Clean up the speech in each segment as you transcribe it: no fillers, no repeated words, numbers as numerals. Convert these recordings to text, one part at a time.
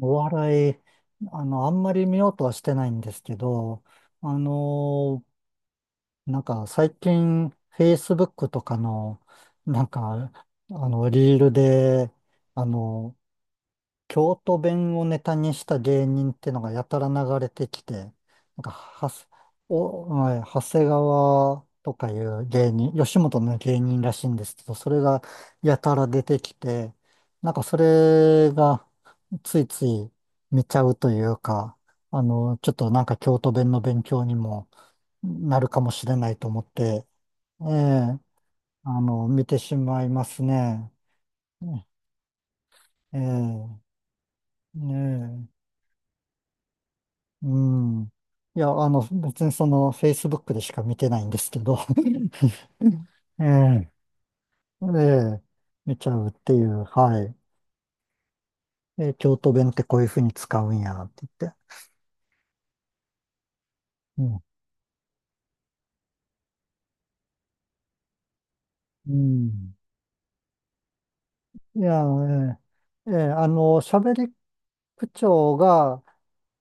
お笑い、あんまり見ようとはしてないんですけど、あのーなんか最近、Facebook とかの、なんか、リールで、あの、京都弁をネタにした芸人ってのがやたら流れてきて、なんか、はす、お、はい、長谷川とかいう芸人、吉本の芸人らしいんですけど、それがやたら出てきて、なんかそれがついつい見ちゃうというか、ちょっとなんか京都弁の勉強にもなるかもしれないと思って、ええ、見てしまいますね。ええ、ねえ。うん。いや、別にその、Facebook でしか見てないんですけど、ええ、ええ、見ちゃうっていう、はい。え、京都弁ってこういうふうに使うんや、って言って。うん。うん。いや、ええ、ええ、喋り口調が、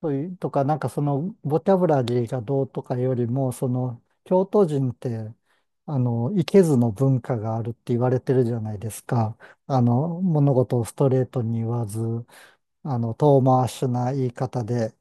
というとか、なんかその、ボキャブラリーがどうとかよりも、その、京都人って、いけずの文化があるって言われてるじゃないですか。物事をストレートに言わず、遠回しな言い方で、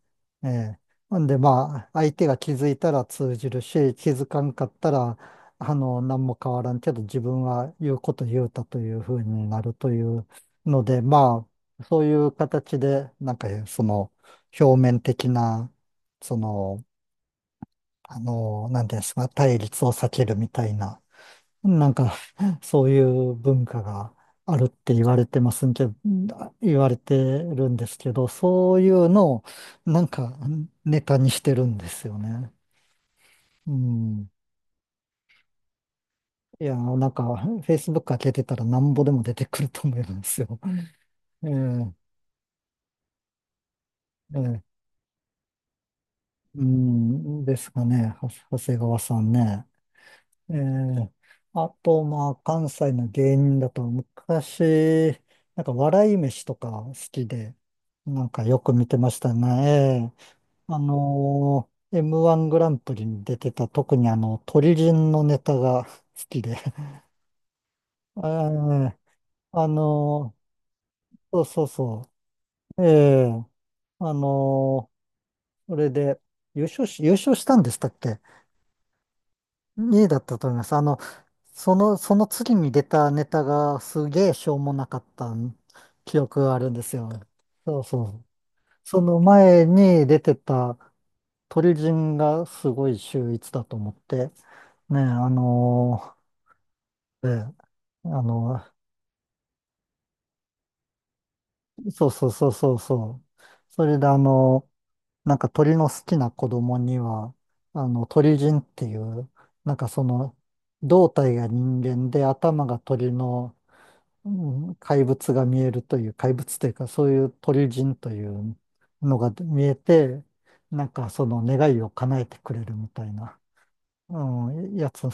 ええ。ほんで、まあ、相手が気づいたら通じるし、気づかんかったら、何も変わらんけど、自分は言うこと言うたというふうになるというので、まあ、そういう形で、表面的な、その、なんていうんですか、対立を避けるみたいな、なんか、そういう文化があるって言われてるんですけど、そういうのを、なんか、ネタにしてるんですよね。うん。いや、なんか、Facebook 開けてたらなんぼでも出てくると思いますよ。ええ。ええ。うん、ですかね、は長谷川さんね。ええ。あと、まあ、関西の芸人だと、昔、なんか、笑い飯とか好きで、なんかよく見てましたね。ええ。M1 グランプリに出てた、特にあの、鳥人のネタが好きで。ええ。あのーそうそうそう。ええ。あのーそれで、優勝し、優勝したんでしたっけ。2位いだったと思います。その次に出たネタがすげえしょうもなかった記憶があるんですよ。そうそう。その前に出てた鳥人がすごい秀逸だと思って、ね、ー、ええあのそうそうそうそうそう。それでなんか鳥の好きな子供には、鳥人っていう、なんかその、胴体が人間で頭が鳥のう怪物が見えるという、怪物というか、そういう鳥人というのが見えて、なんかその願いを叶えてくれるみたいな、うん、やつ、うん。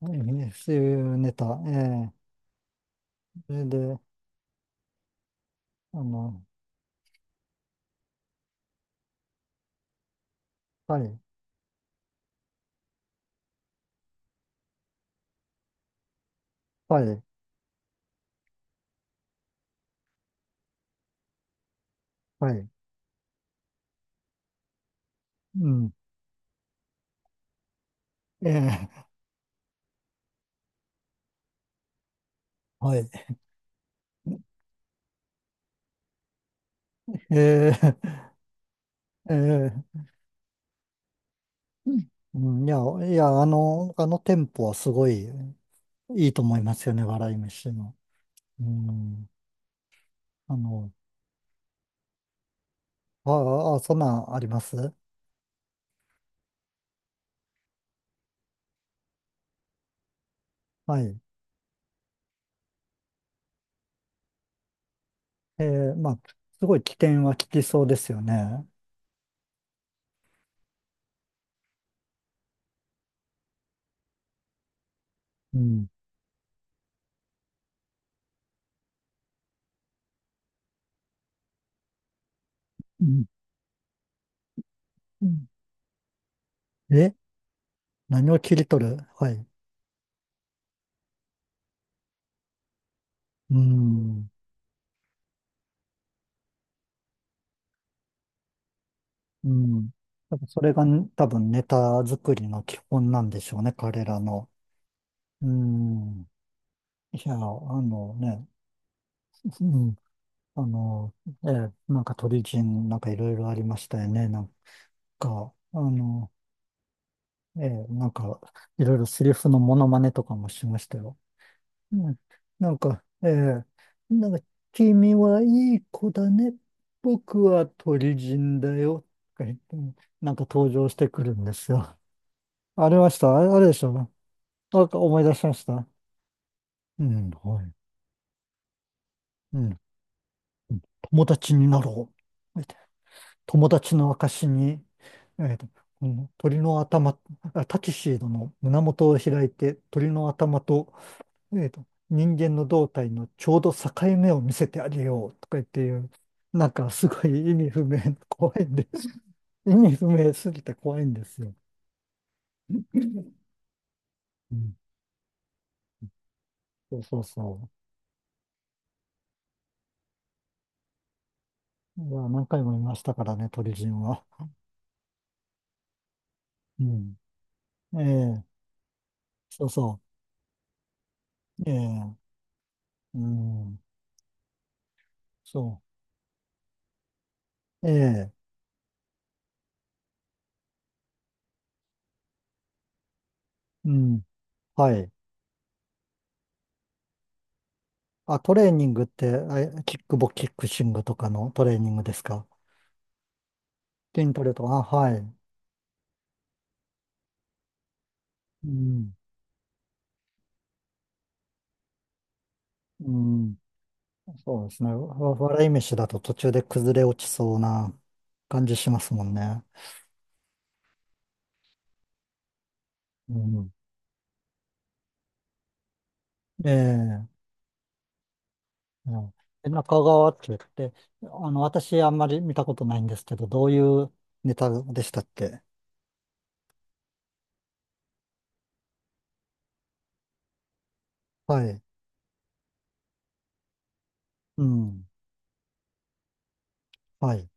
そういうネタ、ええ。それで、あの、はい、はい、はい、うん、ええ、はい、ええ、ええ、うん。いや、いや、あのテンポはすごいいいと思いますよね、笑い飯の。うん、あの、ああ、そんなんあります。はい。えー、まあ、すごい危険は効きそうですよね。うん。うん。うん。え、何を切り取る。はい。うん。うん。多分それが多分ネタ作りの基本なんでしょうね、彼らの。うん。いや、あのね、うん。あの、なんか鳥人、なんかいろいろありましたよね。なんか、なんか、いろいろセリフのモノマネとかもしましたよ。うん。なんか、ええ。なんか、君はいい子だね。僕は鳥人だよ。とか言って、なんか登場してくるんですよ。ありました。あれ、あれでしょ。なんか思い出しました。うん、はい。うん。友達になろう。友達の証に、えっと、この鳥の頭、あ、タキシードの胸元を開いて、鳥の頭とねえーと、人間の胴体のちょうど境目を見せてあげようとか言っていう、なんかすごい意味不明、怖いんで、意味不明すぎて怖いんですよ。うん、そうそうそう。いや、何回も見ましたからね、鳥人は。うん。ええ、そうそう。ええ、うん、そう。ええ、うん、はい。あ、トレーニングって、あ、キックボキックシングとかのトレーニングですか。筋トレとか、あ、はい。うん、うん。そうですね。わ、笑い飯だと途中で崩れ落ちそうな感じしますもんね。うん。ええ。うん。え、中川って言って、私あんまり見たことないんですけど、どういうネタでしたっけ。はい。うん。はい。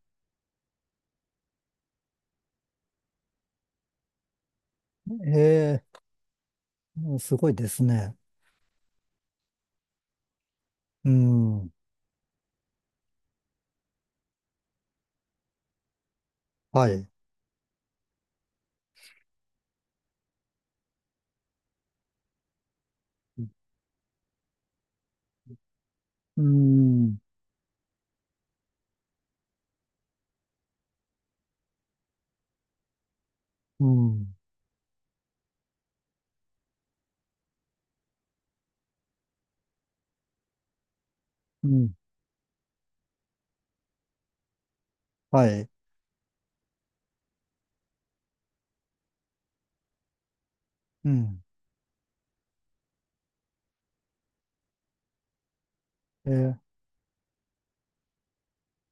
ええ。うん、すごいですね。うん。はい。うん。うん。うん。はい。うん。ええ。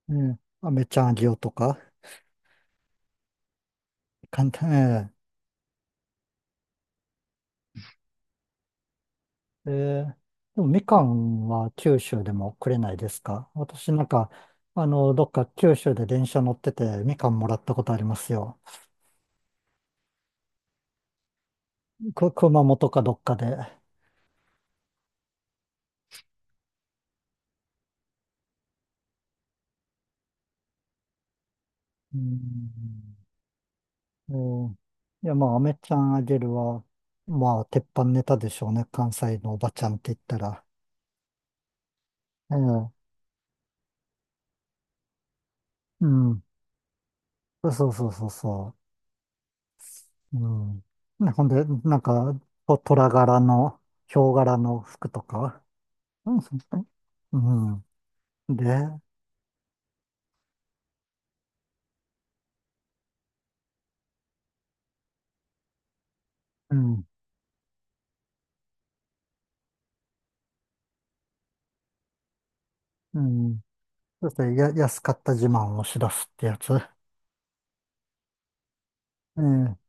ええ。あめちゃんあげようとか、簡単、ええ。えー、でもみかんは九州でもくれないですか。私なんか、どっか九州で電車乗っててみかんもらったことありますよ。く、熊本かどっかで。うん。うん。いや、まあ、飴ちゃんあげるは、まあ、鉄板ネタでしょうね。関西のおばちゃんって言ったら。ええ。うん。そうそうそうそう。うん。ね、ほんで、なんか、と虎柄の、ヒョウ柄の服とか。うん。うん。で、うん、うん。そしてや、安かった自慢をし出すってやつ。ええ、うん、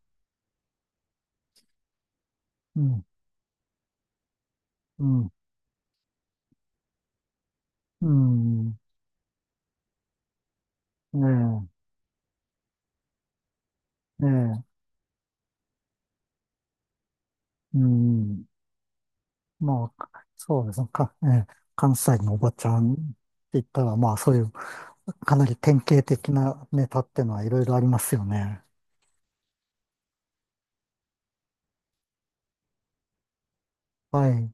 うん、うん、ええ、ええ、うん。まあ、そうですね。か、ええ、関西のおばちゃんって言ったら、まあ、そういう、かなり典型的なネタってのはいろいろありますよね。はい。